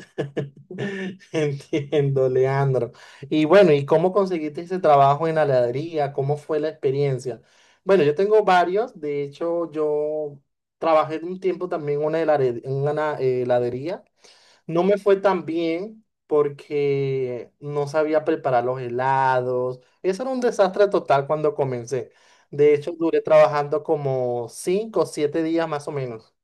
Entiendo, Leandro. Y bueno, ¿y cómo conseguiste ese trabajo en la heladería? ¿Cómo fue la experiencia? Bueno, yo tengo varios. De hecho, yo trabajé un tiempo también en una en una heladería. No me fue tan bien porque no sabía preparar los helados. Eso era un desastre total cuando comencé. De hecho, duré trabajando como 5 o 7 días más o menos.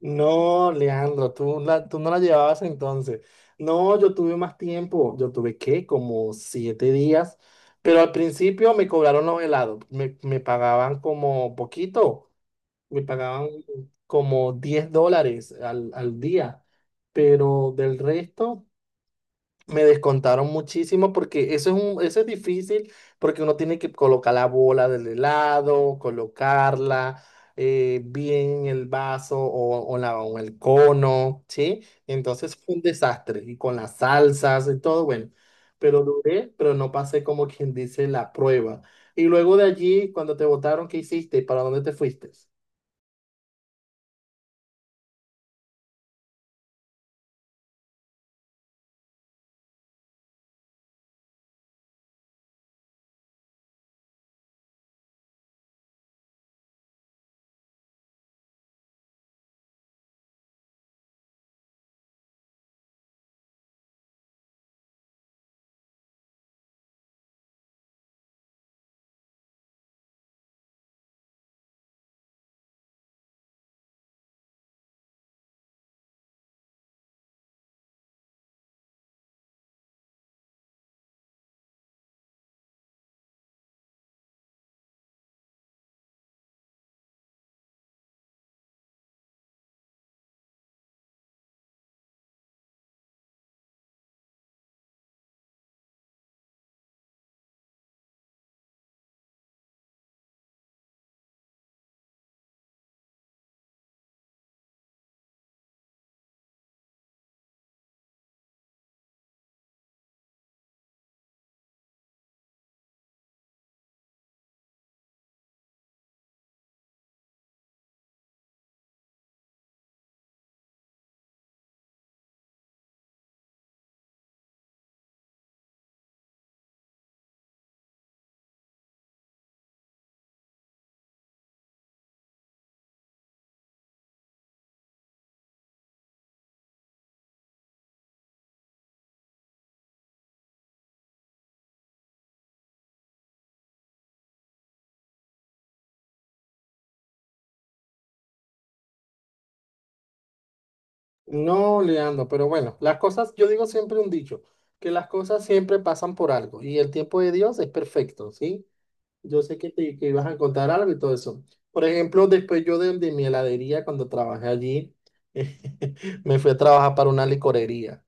No, Leandro, tú no la llevabas entonces. No, yo tuve más tiempo. Yo tuve, ¿qué? Como 7 días. Pero al principio me cobraron los helados. Me pagaban como poquito. Me pagaban como $10 al día. Pero del resto, me descontaron muchísimo porque eso es difícil porque uno tiene que colocar la bola del lado, colocarla bien en el vaso o el cono, ¿sí? Entonces fue un desastre y con las salsas y todo, bueno, pero duré, pero no pasé, como quien dice, la prueba. Y luego de allí, cuando te votaron, ¿qué hiciste? ¿Para dónde te fuiste? No, Leandro, pero bueno, las cosas, yo digo siempre un dicho, que las cosas siempre pasan por algo y el tiempo de Dios es perfecto, ¿sí? Yo sé que te que ibas a contar algo y todo eso. Por ejemplo, después yo de mi heladería, cuando trabajé allí, me fui a trabajar para una licorería.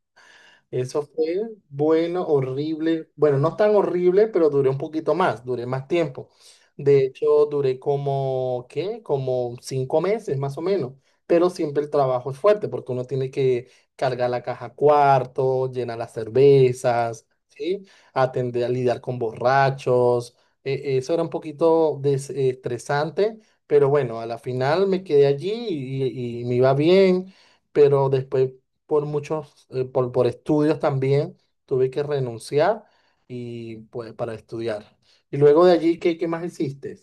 Eso fue bueno, horrible. Bueno, no tan horrible, pero duré un poquito más, duré más tiempo. De hecho, duré como, ¿qué? Como 5 meses más o menos. Pero siempre el trabajo es fuerte porque uno tiene que cargar la caja cuarto, llenar las cervezas, ¿sí? Atender a lidiar con borrachos. Eso era un poquito estresante, pero bueno, a la final me quedé allí y me iba bien, pero después por muchos, por estudios también, tuve que renunciar y pues para estudiar. Y luego de allí, ¿qué más hiciste?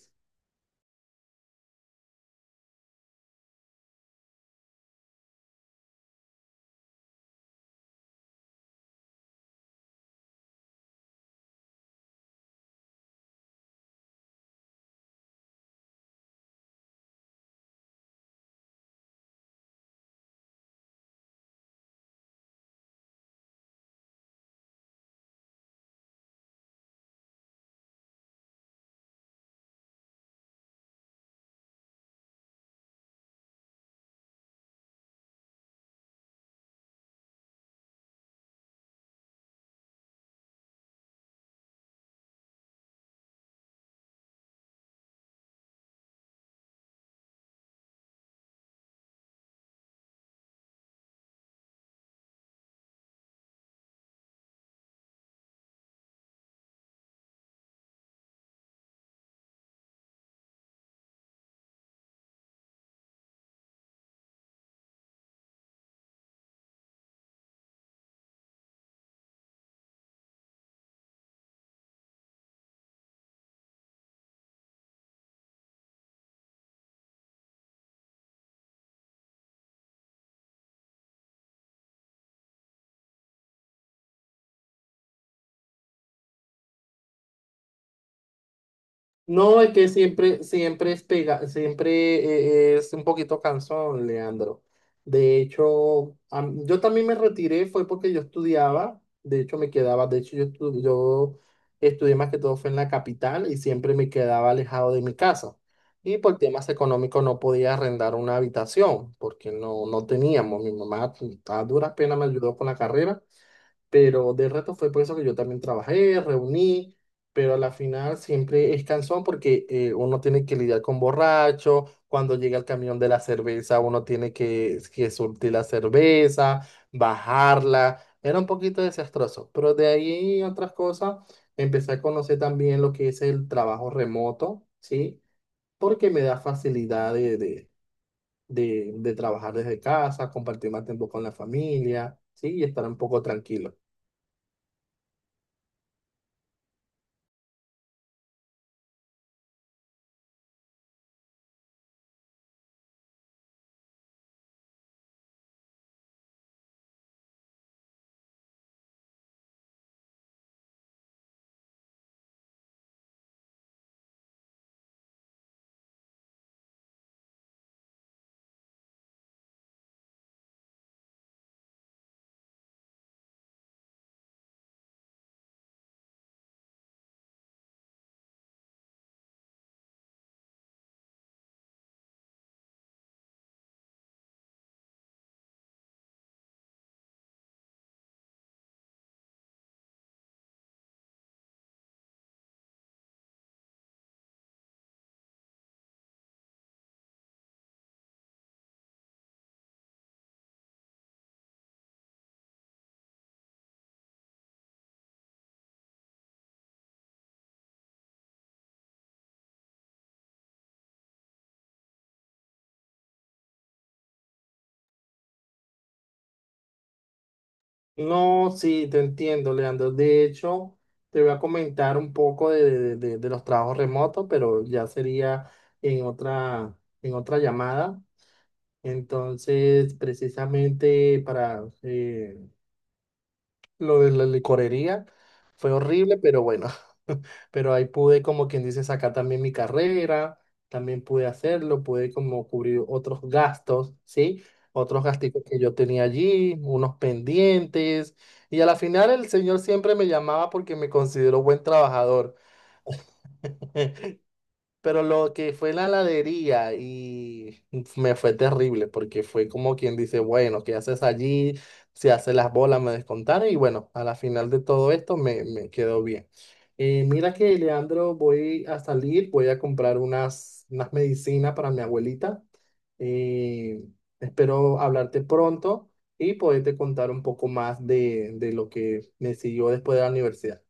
No, es que siempre, siempre es pega, siempre es un poquito cansón, Leandro. De hecho, yo también me retiré, fue porque yo estudiaba, de hecho me quedaba, de hecho yo estudié más que todo fue en la capital y siempre me quedaba alejado de mi casa. Y por temas económicos no podía arrendar una habitación, porque no, no teníamos. Mi mamá a duras penas me ayudó con la carrera, pero de resto fue por eso que yo también trabajé, reuní, pero a la final siempre es cansón porque uno tiene que lidiar con borracho, cuando llega el camión de la cerveza uno tiene que surtir la cerveza, bajarla, era un poquito desastroso, pero de ahí otras cosas, empecé a conocer también lo que es el trabajo remoto, ¿sí? Porque me da facilidad de trabajar desde casa, compartir más tiempo con la familia, ¿sí? Y estar un poco tranquilo. No, sí, te entiendo, Leandro. De hecho, te voy a comentar un poco de, de los trabajos remotos, pero ya sería en otra, en otra llamada. Entonces, precisamente para lo de la licorería, fue horrible, pero bueno, pero ahí pude, como quien dice, sacar también mi carrera, también pude hacerlo, pude como cubrir otros gastos, ¿sí? Otros gasticos que yo tenía allí, unos pendientes, y a la final el señor siempre me llamaba porque me consideró buen trabajador. Pero lo que fue la heladería y me fue terrible porque fue como quien dice, bueno, ¿qué haces allí? Se hace las bolas, me descontaron y bueno, a la final de todo esto me quedó bien. Mira que, Leandro, voy a salir, voy a comprar unas, unas medicinas para mi abuelita. Eh, espero hablarte pronto y poderte contar un poco más de lo que me siguió después de la universidad.